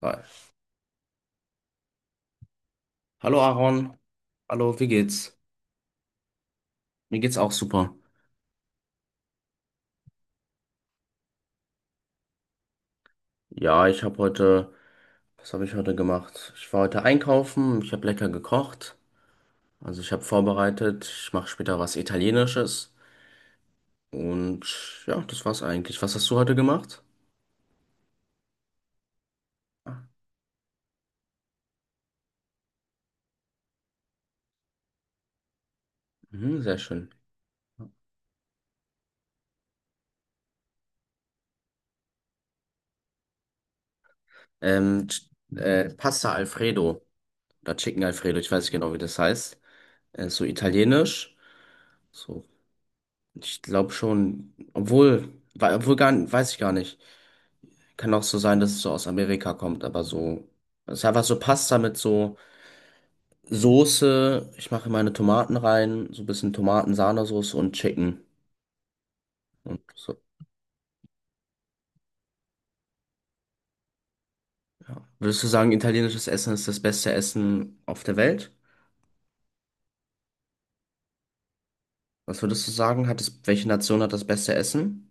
Geil. Hallo Aaron, hallo, wie geht's? Mir geht's auch super. Ja, ich habe heute, was habe ich heute gemacht? Ich war heute einkaufen, ich habe lecker gekocht, also ich habe vorbereitet, ich mache später was Italienisches und ja, das war's eigentlich. Was hast du heute gemacht? Ah, mhm, sehr schön. Ähm, Ch- Pasta Alfredo oder Chicken Alfredo, ich weiß nicht genau, wie das heißt. So italienisch, so, ich glaube schon, obwohl, obwohl gar, weiß ich gar nicht. Kann auch so sein, dass es so aus Amerika kommt, aber so. Es ist einfach so Pasta mit so Soße. Ich mache meine Tomaten rein, so ein bisschen Tomaten-Sahnesoße und Chicken. Und so, ja. Würdest du sagen, italienisches Essen ist das beste Essen auf der Welt? Was würdest du sagen? Welche Nation hat das beste Essen?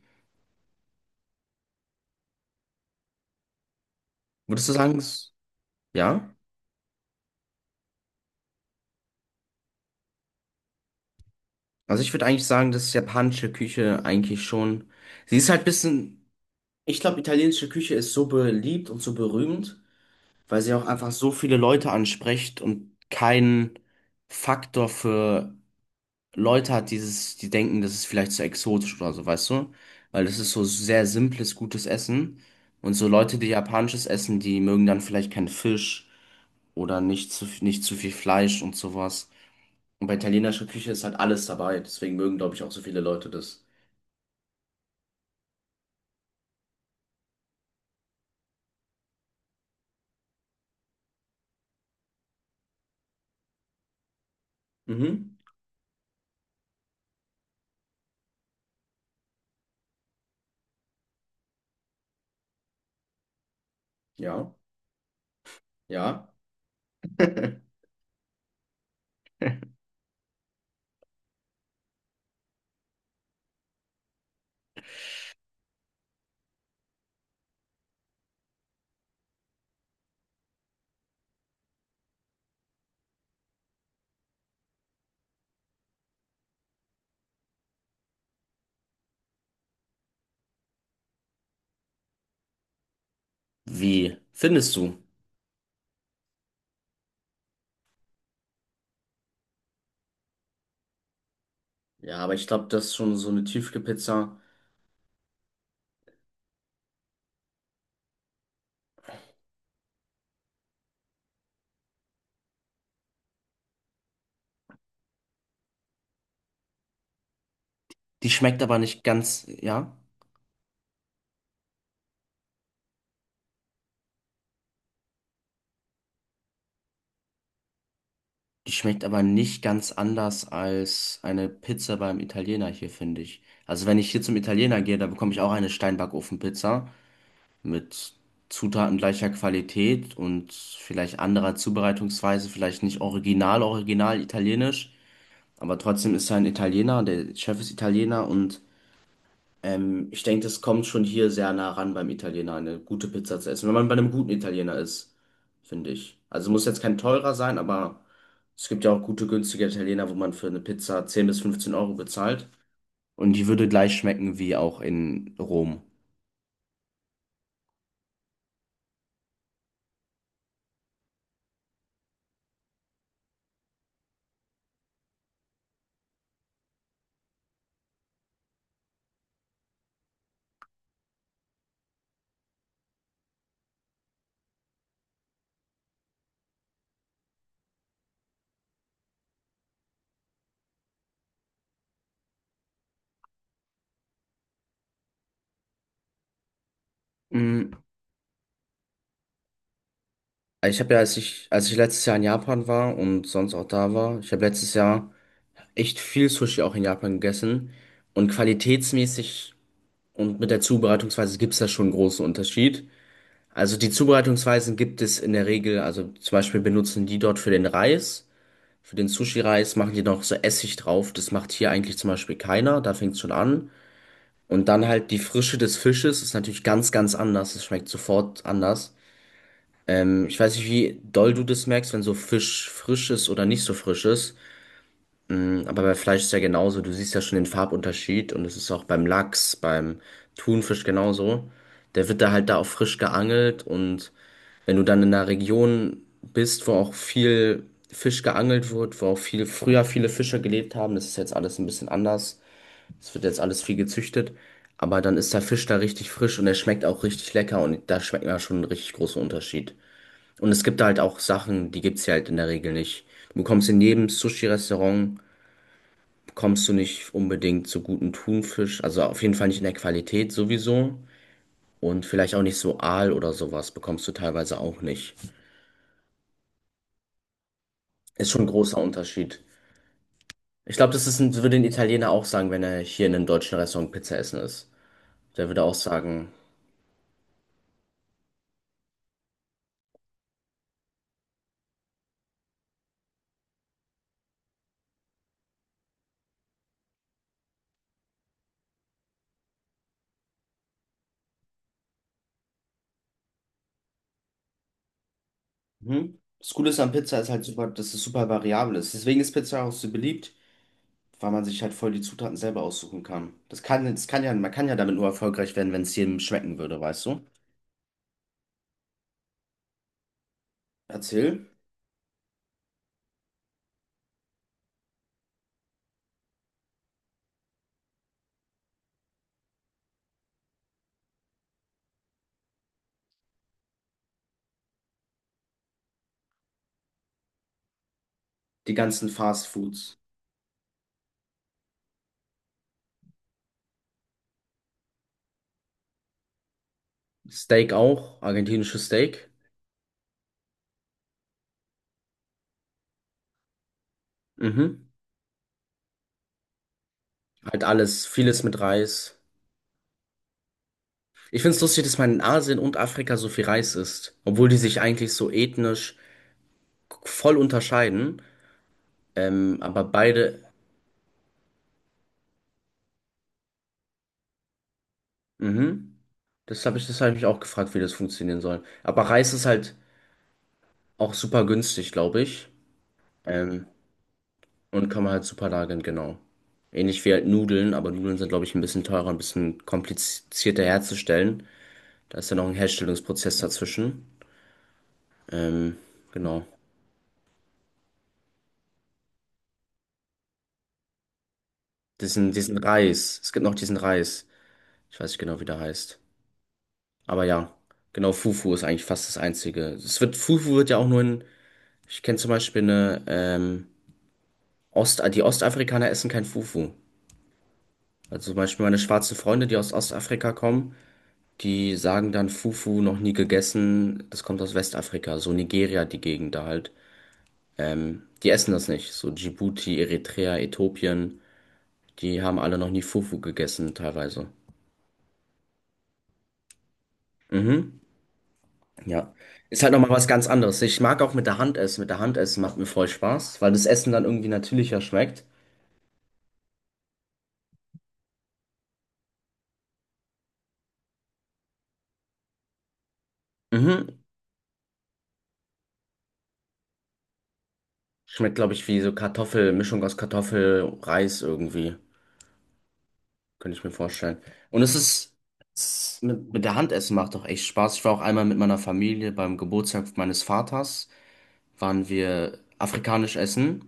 Würdest du sagen, es, ja? Also ich würde eigentlich sagen, dass japanische Küche eigentlich schon. Sie ist halt ein bisschen. Ich glaube, italienische Küche ist so beliebt und so berühmt, weil sie auch einfach so viele Leute anspricht und keinen Faktor für Leute hat, dieses, die denken, das ist vielleicht zu exotisch oder so, weißt du? Weil das ist so sehr simples, gutes Essen. Und so Leute, die japanisches essen, die mögen dann vielleicht keinen Fisch oder nicht zu viel Fleisch und sowas. Und bei italienischer Küche ist halt alles dabei. Deswegen mögen, glaube ich, auch so viele Leute das. Mhm. Ja. Ja. Wie findest du? Ja, aber ich glaube, das ist schon so eine Tiefkühlpizza. Die schmeckt aber nicht ganz, ja, die schmeckt aber nicht ganz anders als eine Pizza beim Italiener hier, finde ich. Also wenn ich hier zum Italiener gehe, da bekomme ich auch eine Steinbackofenpizza mit Zutaten gleicher Qualität und vielleicht anderer Zubereitungsweise, vielleicht nicht original, original italienisch, aber trotzdem ist er ein Italiener, der Chef ist Italiener und ich denke, das kommt schon hier sehr nah ran beim Italiener, eine gute Pizza zu essen, wenn man bei einem guten Italiener ist, finde ich. Also muss jetzt kein teurer sein, aber es gibt ja auch gute, günstige Italiener, wo man für eine Pizza 10 bis 15 Euro bezahlt. Und die würde gleich schmecken wie auch in Rom. Mm, Ich habe ja, als ich letztes Jahr in Japan war und sonst auch da war, ich habe letztes Jahr echt viel Sushi auch in Japan gegessen. Und qualitätsmäßig und mit der Zubereitungsweise gibt es da schon einen großen Unterschied. Also die Zubereitungsweisen gibt es in der Regel, also zum Beispiel benutzen die dort für den Reis, für den Sushi-Reis machen die noch so Essig drauf. Das macht hier eigentlich zum Beispiel keiner, da fängt es schon an. Und dann halt die Frische des Fisches ist natürlich ganz, ganz anders. Es schmeckt sofort anders. Ich weiß nicht, wie doll du das merkst, wenn so Fisch frisch ist oder nicht so frisch ist. Aber bei Fleisch ist ja genauso. Du siehst ja schon den Farbunterschied und es ist auch beim Lachs, beim Thunfisch genauso. Der wird da halt da auch frisch geangelt und wenn du dann in einer Region bist, wo auch viel Fisch geangelt wird, wo auch viel früher viele Fischer gelebt haben, das ist jetzt alles ein bisschen anders. Es wird jetzt alles viel gezüchtet, aber dann ist der Fisch da richtig frisch und er schmeckt auch richtig lecker und da schmeckt man schon einen richtig großen Unterschied. Und es gibt da halt auch Sachen, die gibt's hier halt in der Regel nicht. Du bekommst in jedem Sushi-Restaurant, bekommst du nicht unbedingt so guten Thunfisch, also auf jeden Fall nicht in der Qualität sowieso. Und vielleicht auch nicht so Aal oder sowas bekommst du teilweise auch nicht. Ist schon ein großer Unterschied. Ich glaube, das ist ein, würde ein Italiener auch sagen, wenn er hier in einem deutschen Restaurant Pizza essen ist. Der würde auch sagen, mhm. Das Coole ist an Pizza ist halt super, dass es super variabel ist. Deswegen ist Pizza auch so beliebt, weil man sich halt voll die Zutaten selber aussuchen kann. Das kann ja, man kann ja damit nur erfolgreich werden, wenn es jedem schmecken würde, weißt du? Erzähl. Die ganzen Fast Foods. Steak auch, argentinisches Steak. Mhm. Halt alles, vieles mit Reis. Ich find's lustig, dass man in Asien und Afrika so viel Reis isst, obwohl die sich eigentlich so ethnisch voll unterscheiden. Aber beide mhm. Das habe ich mich auch gefragt, wie das funktionieren soll. Aber Reis ist halt auch super günstig, glaube ich. Ähm, und kann man halt super lagern, genau. Ähnlich wie halt Nudeln, aber Nudeln sind, glaube ich, ein bisschen teurer, ein bisschen komplizierter herzustellen. Da ist ja noch ein Herstellungsprozess dazwischen. Ähm, genau. Diesen Reis. Es gibt noch diesen Reis. Ich weiß nicht genau, wie der heißt. Aber ja, genau, Fufu ist eigentlich fast das Einzige. Es wird, Fufu wird ja auch nur in, ich kenne zum Beispiel eine, die Ostafrikaner essen kein Fufu. Also zum Beispiel meine schwarzen Freunde, die aus Ostafrika kommen, die sagen dann Fufu noch nie gegessen. Das kommt aus Westafrika, so Nigeria, die Gegend da halt. Die essen das nicht. So Djibouti, Eritrea, Äthiopien, die haben alle noch nie Fufu gegessen teilweise. Mhm, ja. Ist halt nochmal was ganz anderes. Ich mag auch mit der Hand essen. Mit der Hand essen macht mir voll Spaß, weil das Essen dann irgendwie natürlicher schmeckt. Mhm. Schmeckt, glaube ich, wie so Kartoffel, Mischung aus Kartoffel, Reis irgendwie. Könnte ich mir vorstellen. Und mit der Hand essen macht doch echt Spaß. Ich war auch einmal mit meiner Familie beim Geburtstag meines Vaters, waren wir afrikanisch essen.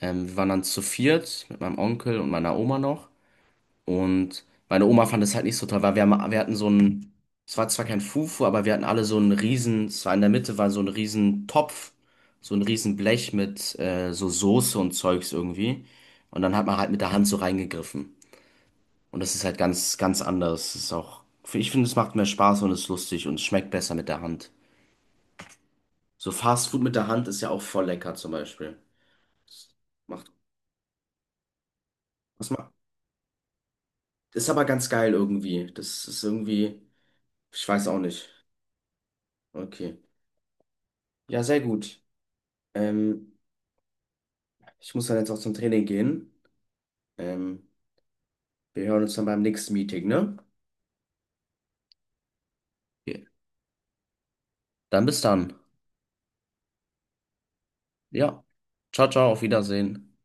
Wir waren dann zu 4 mit meinem Onkel und meiner Oma noch. Und meine Oma fand es halt nicht so toll, weil wir hatten so einen, es war zwar kein Fufu, aber wir hatten alle so einen riesen, es war in der Mitte war so ein riesen Topf, so ein riesen Blech mit so Soße und Zeugs irgendwie. Und dann hat man halt mit der Hand so reingegriffen. Und das ist halt ganz, ganz anders. Das ist auch, ich finde, es macht mehr Spaß und ist lustig und es schmeckt besser mit der Hand. So Fast Food mit der Hand ist ja auch voll lecker zum Beispiel. Das macht, das macht, ist aber ganz geil irgendwie. Das ist irgendwie, ich weiß auch nicht. Okay. Ja, sehr gut. Ähm, Ich muss dann jetzt auch zum Training gehen. Ähm, Wir hören uns dann beim nächsten Meeting, ne? Okay. Dann bis dann. Ja. Ciao, ciao, auf Wiedersehen.